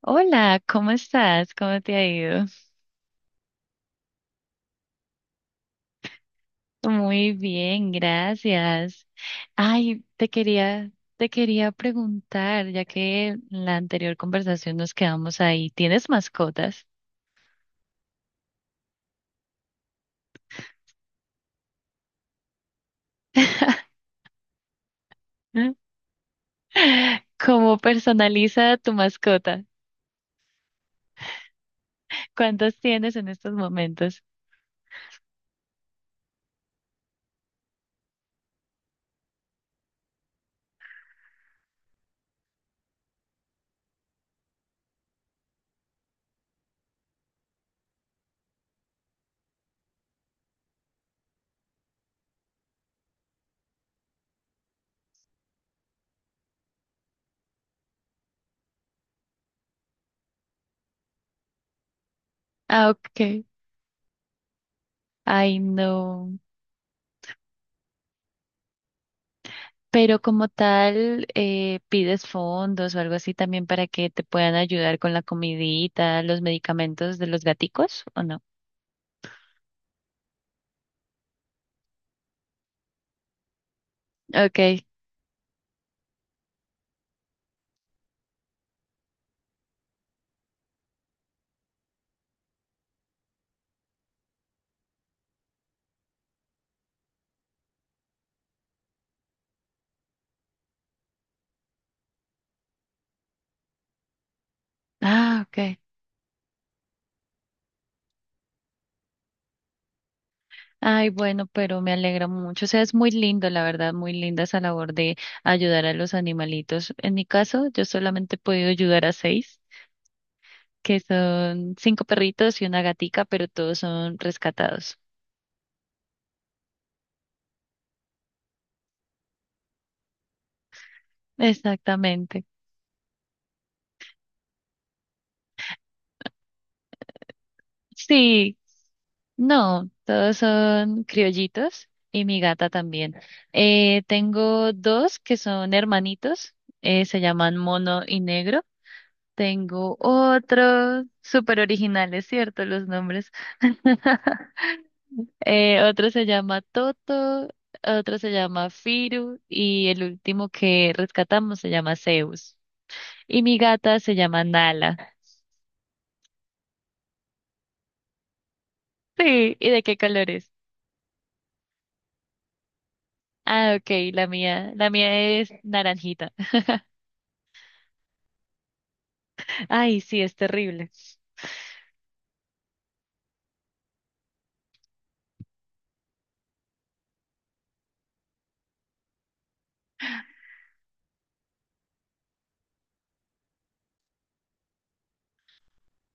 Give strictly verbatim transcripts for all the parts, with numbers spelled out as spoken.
Hola, ¿cómo estás? ¿Cómo te ha ido? Muy bien, gracias. Ay, te quería, te quería preguntar, ya que en la anterior conversación nos quedamos ahí. ¿Tienes mascotas? ¿Cómo personaliza tu mascota? ¿Cuántos tienes en estos momentos? Ah, ok. Ay, no. Pero como tal, eh, pides fondos o algo así también para que te puedan ayudar con la comidita, los medicamentos de los gaticos, ¿o no? Okay. Ah, okay. Ay, bueno, pero me alegra mucho. O sea, es muy lindo, la verdad, muy linda esa labor de ayudar a los animalitos. En mi caso, yo solamente he podido ayudar a seis, que son cinco perritos y una gatica, pero todos son rescatados. Exactamente. Sí, no, todos son criollitos y mi gata también. Eh, tengo dos que son hermanitos, eh, se llaman Mono y Negro. Tengo otro, súper originales, ¿cierto? Los nombres. Eh, otro se llama Toto, otro se llama Firu y el último que rescatamos se llama Zeus. Y mi gata se llama Nala. Sí, ¿y de qué color es? Ah, ok, la mía, la mía es naranjita. Ay, sí, es terrible.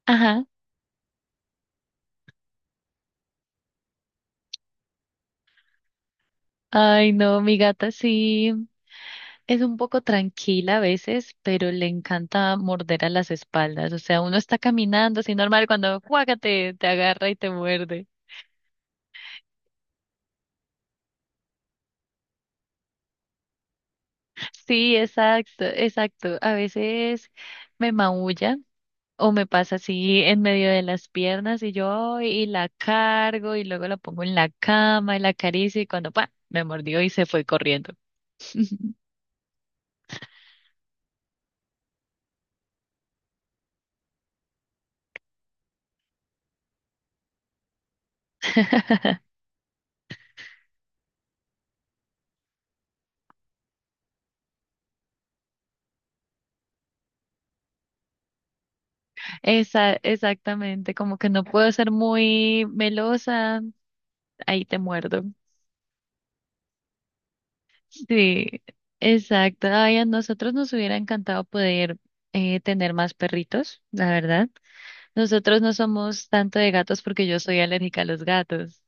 Ajá. Ay, no, mi gata sí. Es un poco tranquila a veces, pero le encanta morder a las espaldas. O sea, uno está caminando así normal cuando cuácate, te agarra y te muerde. Sí, exacto, exacto. A veces me maulla o me pasa así en medio de las piernas y yo ay, y la cargo y luego la pongo en la cama y la acaricio y cuando pa, me mordió y se fue corriendo. Esa, exactamente, como que no puedo ser muy melosa, ahí te muerdo. Sí, exacto. Ay, a nosotros nos hubiera encantado poder eh, tener más perritos, la verdad. Nosotros no somos tanto de gatos porque yo soy alérgica a los gatos.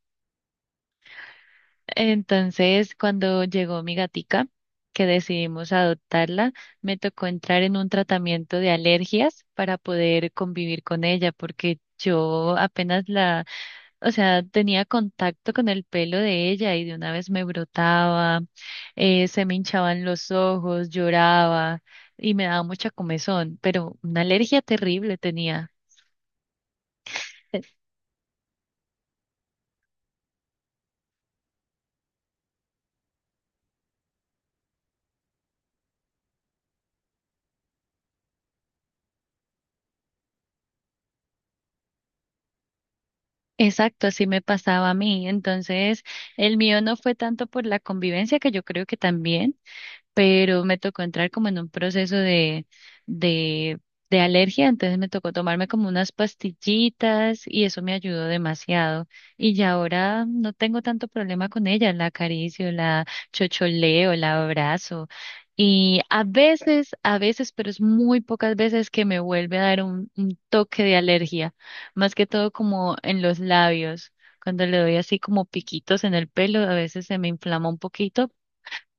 Entonces, cuando llegó mi gatica, que decidimos adoptarla, me tocó entrar en un tratamiento de alergias para poder convivir con ella, porque yo apenas la o sea, tenía contacto con el pelo de ella y de una vez me brotaba, eh, se me hinchaban los ojos, lloraba y me daba mucha comezón, pero una alergia terrible tenía. E- Exacto, así me pasaba a mí. Entonces, el mío no fue tanto por la convivencia, que yo creo que también, pero me tocó entrar como en un proceso de, de, de alergia, entonces me tocó tomarme como unas pastillitas y eso me ayudó demasiado. Y ya ahora no tengo tanto problema con ella, la acaricio, la chocholeo, la abrazo. Y a veces, a veces, pero es muy pocas veces que me vuelve a dar un, un toque de alergia, más que todo como en los labios. Cuando le doy así como piquitos en el pelo, a veces se me inflama un poquito,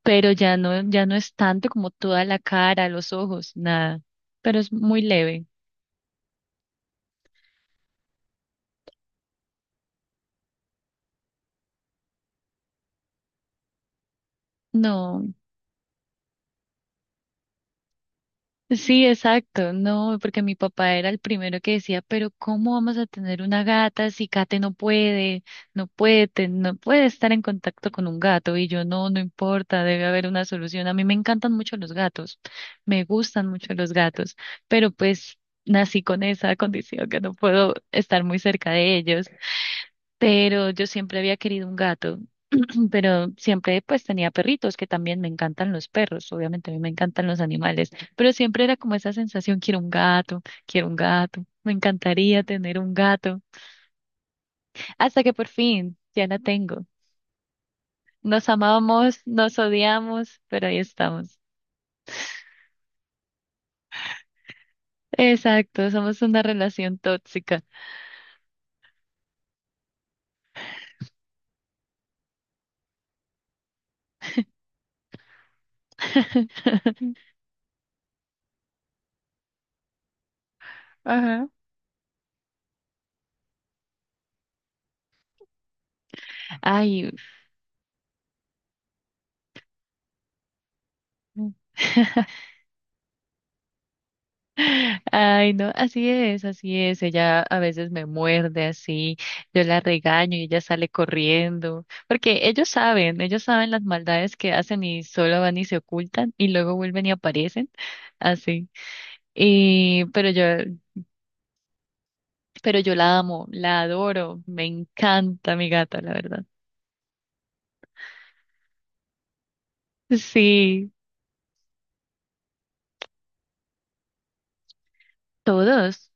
pero ya no, ya no es tanto como toda la cara, los ojos, nada, pero es muy leve. No, sí, exacto, no, porque mi papá era el primero que decía, pero ¿cómo vamos a tener una gata si Kate no puede, no puede, te- no puede estar en contacto con un gato? Y yo, no, no importa, debe haber una solución. A mí me encantan mucho los gatos, me gustan mucho los gatos, pero pues nací con esa condición que no puedo estar muy cerca de ellos, pero yo siempre había querido un gato, pero siempre pues tenía perritos, que también me encantan los perros, obviamente a mí me encantan los animales, pero siempre era como esa sensación, quiero un gato, quiero un gato, me encantaría tener un gato, hasta que por fin ya la tengo. Nos amamos, nos odiamos, pero ahí estamos. Exacto, somos una relación tóxica. Ajá. Ay. Ay, no, así es, así es. Ella a veces me muerde así, yo la regaño y ella sale corriendo, porque ellos saben, ellos saben las maldades que hacen y solo van y se ocultan y luego vuelven y aparecen, así. Y, pero yo, pero yo la amo, la adoro, me encanta mi gata, la verdad. Sí, todos.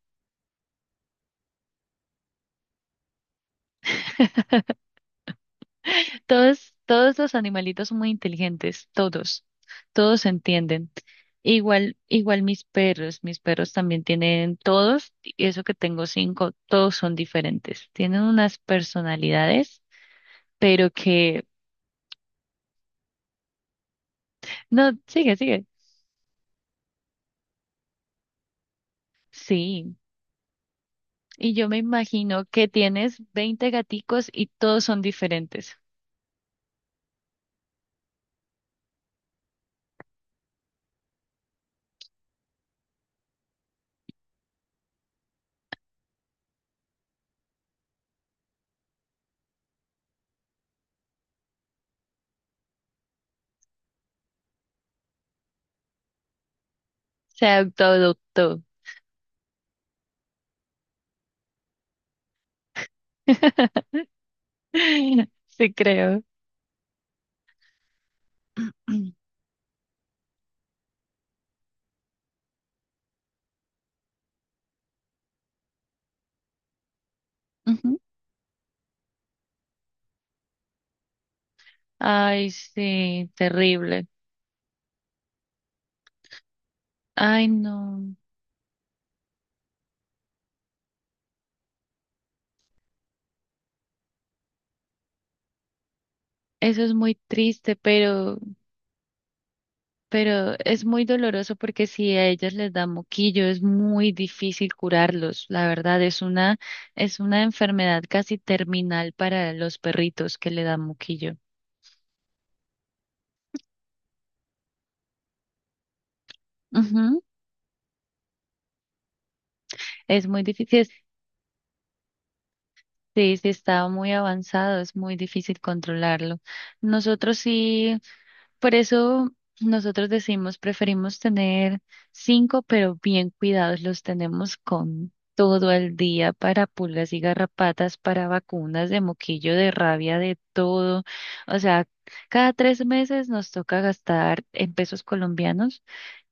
Todos, todos los animalitos son muy inteligentes, todos, todos se entienden. Igual, igual, mis perros, mis perros también tienen todos, y eso que tengo cinco, todos son diferentes. Tienen unas personalidades, pero que, no, sigue, sigue. Sí, y yo me imagino que tienes veinte gaticos y todos son diferentes. Se adoptó, adoptó. Sí, creo. Ujú. Ay, sí, terrible. Ay, no. Eso es muy triste, pero, pero, es muy doloroso porque si a ellas les da moquillo es muy difícil curarlos. La verdad es una, es una enfermedad casi terminal para los perritos que le dan moquillo. Ujú. Es muy difícil, sí, sí está muy avanzado, es muy difícil controlarlo. Nosotros sí. Por eso nosotros decimos, preferimos tener cinco, pero bien cuidados, los tenemos con todo el día para pulgas y garrapatas, para vacunas de moquillo, de rabia, de todo. O sea, cada tres meses nos toca gastar en pesos colombianos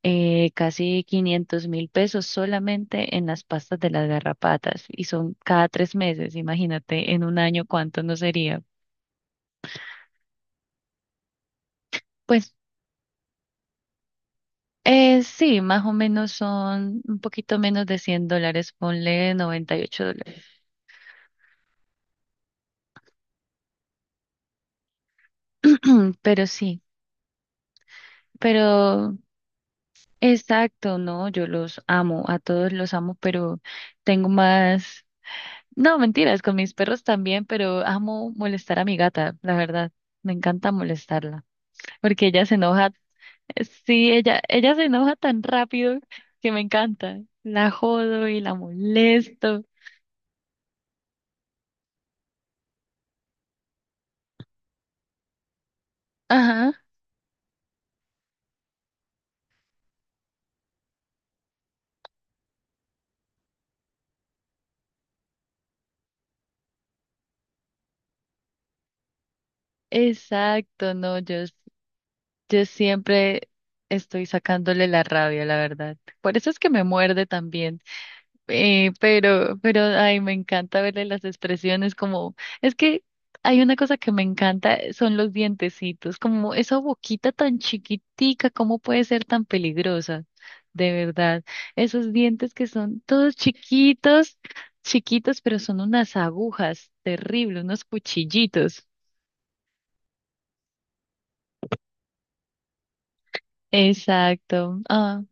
eh, casi quinientos mil pesos solamente en las pastas de las garrapatas y son cada tres meses. Imagínate en un año cuánto no sería. Pues. Eh, sí, más o menos son un poquito menos de cien dólares, ponle noventa y ocho dólares. Pero sí, pero exacto, no, yo los amo, a todos los amo, pero tengo más, no, mentiras, con mis perros también, pero amo molestar a mi gata, la verdad, me encanta molestarla, porque ella se enoja, sí, ella, ella se enoja tan rápido que me encanta, la jodo y la molesto. Ajá, exacto, no, yo Yo siempre estoy sacándole la rabia, la verdad. Por eso es que me muerde también. Eh, pero, pero, ay, me encanta verle las expresiones como, es que hay una cosa que me encanta, eh, son los dientecitos, como esa boquita tan chiquitica, ¿cómo puede ser tan peligrosa? De verdad, esos dientes que son todos chiquitos, chiquitos, pero son unas agujas terribles, unos cuchillitos. Exacto. Ah,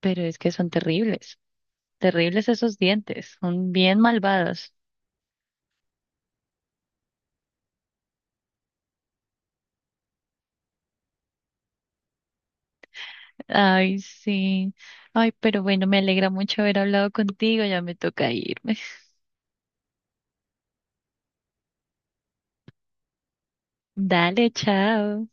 pero es que son terribles. Terribles esos dientes, son bien malvados. Ay, sí. Ay, pero bueno, me alegra mucho haber hablado contigo, ya me toca irme. Dale, chao.